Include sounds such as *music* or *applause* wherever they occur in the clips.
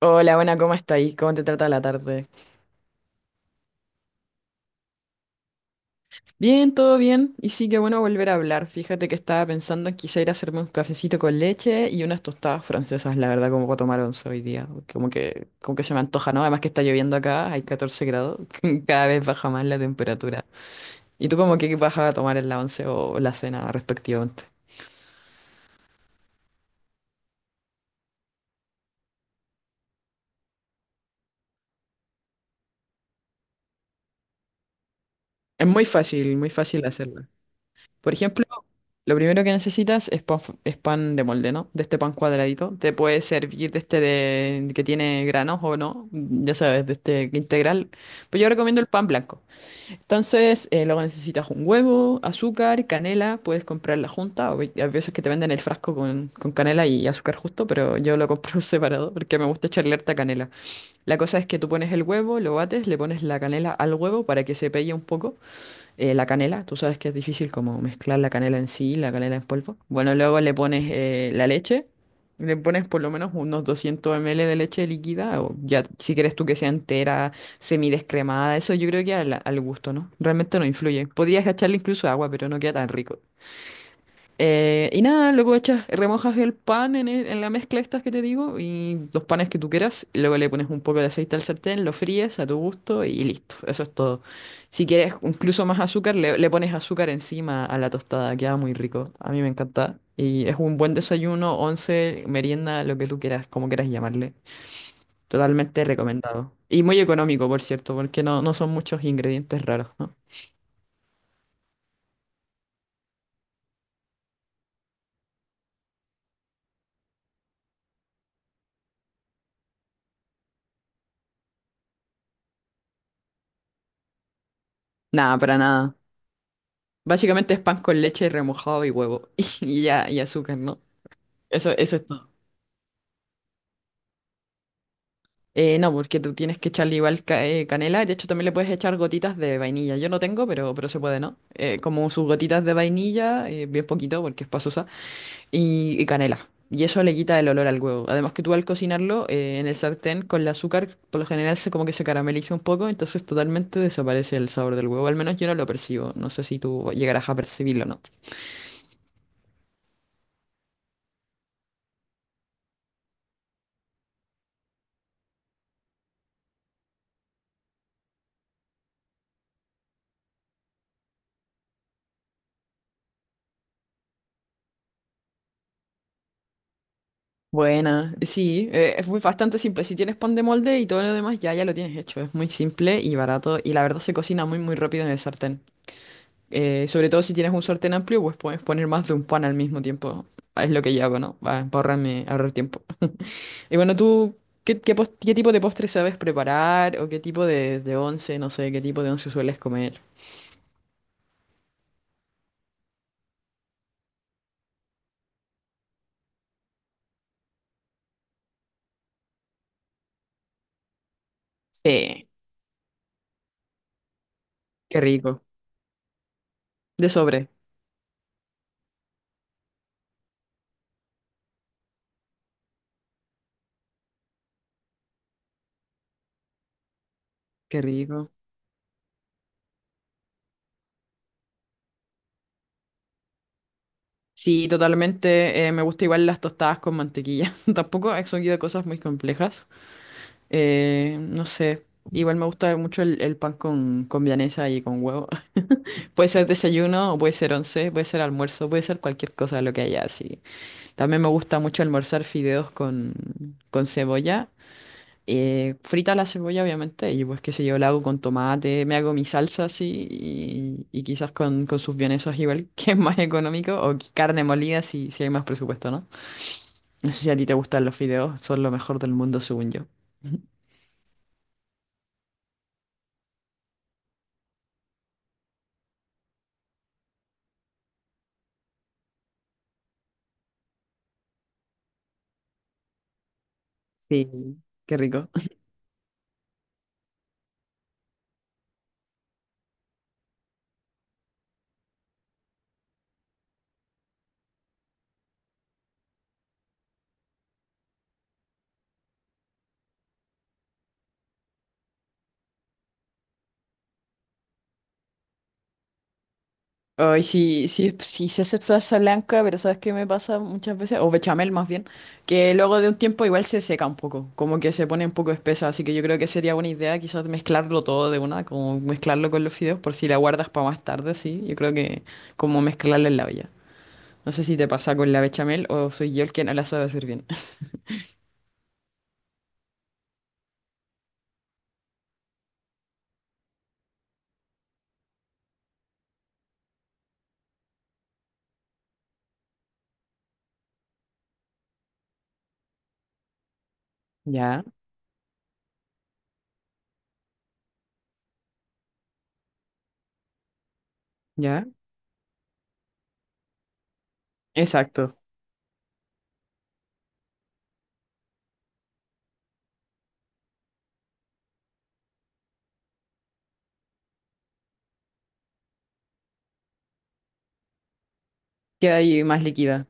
Hola, buena, ¿cómo estáis? ¿Cómo te trata la tarde? Bien, todo bien. Y sí, que bueno volver a hablar. Fíjate que estaba pensando en quizá ir a hacerme un cafecito con leche y unas tostadas francesas, la verdad, como para tomar once hoy día. Como que se me antoja, ¿no? Además que está lloviendo acá, hay 14 grados, *laughs* cada vez baja más la temperatura. ¿Y tú como que vas a tomar en la once o la cena respectivamente? Es muy fácil hacerla. Por ejemplo, lo primero que necesitas es pan, es pan de molde, ¿no? De este pan cuadradito. Te puede servir de este de, que tiene granos o no, ya sabes, de este integral. Pero yo recomiendo el pan blanco. Entonces, luego necesitas un huevo, azúcar, canela. Puedes comprarla junta. O hay veces que te venden el frasco con canela y azúcar justo, pero yo lo compro *laughs* separado porque me gusta echarle harta canela. La cosa es que tú pones el huevo, lo bates, le pones la canela al huevo para que se pegue un poco la canela. Tú sabes que es difícil como mezclar la canela en sí, la canela en polvo. Bueno, luego le pones la leche, le pones por lo menos unos 200 ml de leche líquida, o ya si quieres tú que sea entera, semidescremada, eso yo creo que al, gusto, ¿no? Realmente no influye. Podrías echarle incluso agua, pero no queda tan rico. Y nada, luego echas, remojas el pan en, en la mezcla estas que te digo y los panes que tú quieras, y luego le pones un poco de aceite al sartén, lo fríes a tu gusto y listo. Eso es todo. Si quieres incluso más azúcar, le pones azúcar encima a la tostada. Queda muy rico. A mí me encanta. Y es un buen desayuno, once, merienda, lo que tú quieras, como quieras llamarle. Totalmente recomendado. Y muy económico, por cierto, porque no, no son muchos ingredientes raros, ¿no? Nada, para nada. Básicamente es pan con leche remojado y huevo *laughs* y ya y azúcar, ¿no? Eso es todo. No, porque tú tienes que echarle igual canela. De hecho, también le puedes echar gotitas de vainilla. Yo no tengo, pero se puede, ¿no? Como sus gotitas de vainilla, bien poquito, porque es pasosa, y canela. Y eso le quita el olor al huevo. Además que tú al cocinarlo en el sartén con el azúcar, por lo general se como que se carameliza un poco, entonces totalmente desaparece el sabor del huevo. Al menos yo no lo percibo. No sé si tú llegarás a percibirlo o no. Buena, sí, es muy bastante simple. Si tienes pan de molde y todo lo demás ya, ya lo tienes hecho. Es muy simple y barato y la verdad se cocina muy muy rápido en el sartén. Sobre todo si tienes un sartén amplio, pues puedes poner más de un pan al mismo tiempo. Es lo que yo hago, ¿no? Va, para ahorrarme, ahorrar tiempo. Y bueno, ¿tú qué tipo de postre sabes preparar o qué tipo de once, no sé, qué tipo de once sueles comer? Sí, qué rico. De sobre, qué rico. Sí, totalmente. Me gusta igual las tostadas con mantequilla. *laughs* Tampoco he seguido cosas muy complejas. No sé. Igual me gusta mucho el pan con, vienesa y con huevo. *laughs* Puede ser desayuno, o puede ser once, puede ser almuerzo, puede ser cualquier cosa lo que haya así. También me gusta mucho almorzar fideos con, cebolla. Frita la cebolla, obviamente, y pues qué sé yo, la hago con tomate, me hago mi salsa así y, quizás con sus vienesas igual, *laughs* que es más económico, o carne molida si hay más presupuesto, ¿no? No sé si a ti te gustan los fideos, son lo mejor del mundo, según yo. Sí, qué rico. Ay, sí, sí, sí se hace salsa blanca, pero ¿sabes qué me pasa muchas veces? O bechamel más bien, que luego de un tiempo igual se seca un poco, como que se pone un poco espesa, así que yo creo que sería buena idea quizás mezclarlo todo de una, como mezclarlo con los fideos por si la guardas para más tarde, sí, yo creo que como mezclarla en la olla. No sé si te pasa con la bechamel o soy yo el que no la sabe hacer bien. *laughs* Ya, ya. Exacto, queda ahí más líquida.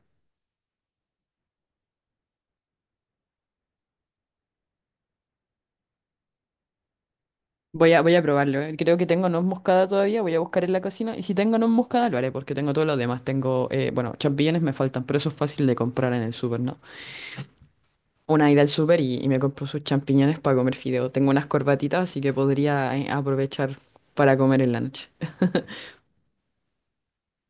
Voy a probarlo. Creo que tengo noz moscada todavía. Voy a buscar en la cocina. Y si tengo noz moscada, lo haré porque tengo todo lo demás. Tengo, bueno, champiñones me faltan, pero eso es fácil de comprar en el súper, ¿no? Una ida al súper y me compro sus champiñones para comer fideo. Tengo unas corbatitas, así que podría aprovechar para comer en la noche.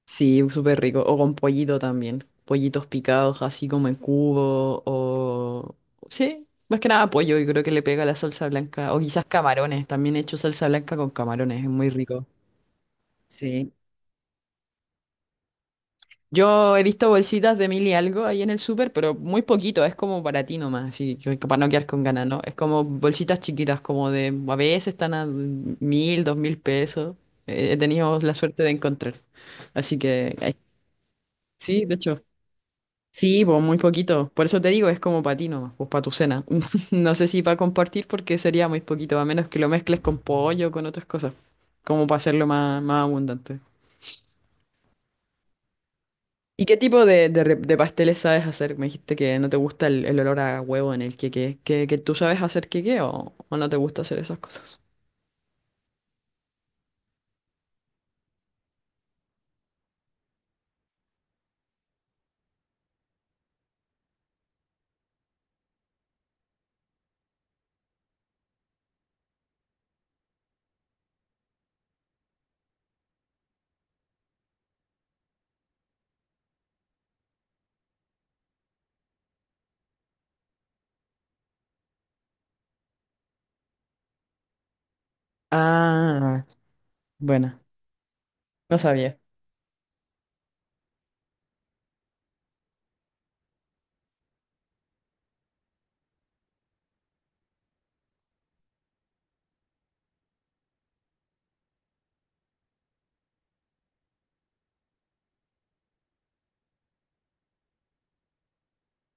Sí, súper rico. O con pollito también. Pollitos picados, así como en cubo. O. Sí, más que nada pollo. Y creo que le pega la salsa blanca. O quizás camarones. También he hecho salsa blanca con camarones. Es muy rico. Sí. Yo he visto bolsitas de 1.000 y algo ahí en el súper, pero muy poquito, es como para ti nomás, así que para no quedar con ganas, ¿no? Es como bolsitas chiquitas, como de, a veces están a 1.000, 2.000 pesos. He tenido la suerte de encontrar. Así que, ay, sí, de hecho, sí, pues muy poquito. Por eso te digo, es como para ti nomás, pues para tu cena. *laughs* No sé si para compartir porque sería muy poquito, a menos que lo mezcles con pollo, con otras cosas, como para hacerlo más, más abundante. ¿Y qué tipo de, de pasteles sabes hacer? Me dijiste que no te gusta el olor a huevo en el queque. ¿¿Que tú sabes hacer queque o no te gusta hacer esas cosas? Ah, bueno, no sabía.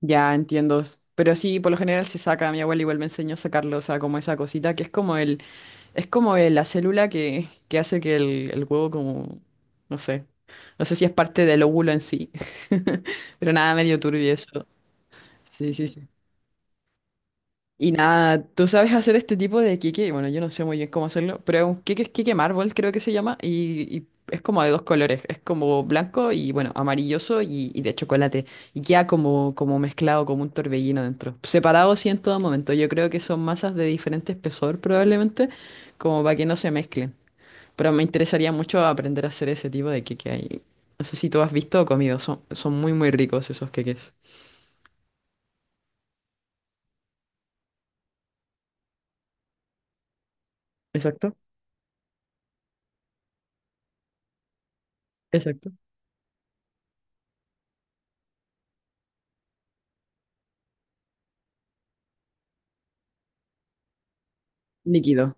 Ya entiendo. Pero sí, por lo general se saca. Mi abuela igual me enseñó a sacarlo, o sea, como esa cosita que es como la célula que hace que el huevo como, no sé, no sé si es parte del óvulo en sí. *laughs* Pero nada, medio turbio eso. Sí, sí, sí. Y nada, tú sabes hacer este tipo de queque. Bueno, yo no sé muy bien cómo hacerlo, pero es un queque es queque mármol, creo que se llama. Y es como de dos colores. Es como blanco y, bueno, amarilloso y de chocolate. Y queda como, como mezclado, como un torbellino dentro. Separado, sí, en todo momento. Yo creo que son masas de diferente espesor, probablemente, como para que no se mezclen. Pero me interesaría mucho aprender a hacer ese tipo de queque ahí. No sé si tú has visto o comido. Son muy, muy ricos esos queques. Exacto, exacto. Líquido.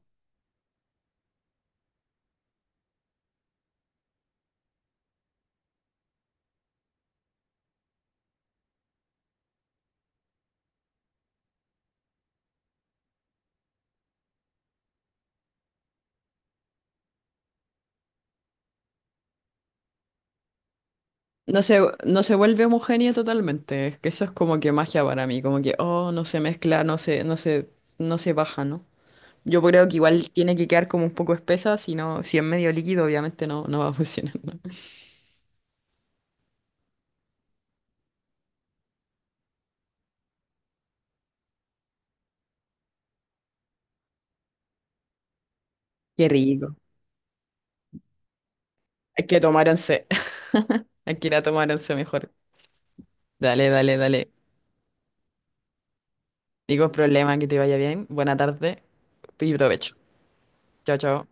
No se, no se vuelve homogénea totalmente. Es que eso es como que magia para mí, como que, oh, no se mezcla, no se baja, ¿no? Yo creo que igual tiene que quedar como un poco espesa, si no, si es medio líquido, obviamente no, no va a funcionar, ¿no? Qué rico. Hay que tomar once, *laughs* hay que ir a tomar once mejor. Dale, dale, dale. Digo, problema, que te vaya bien. Buena tarde y provecho. Chao, chao.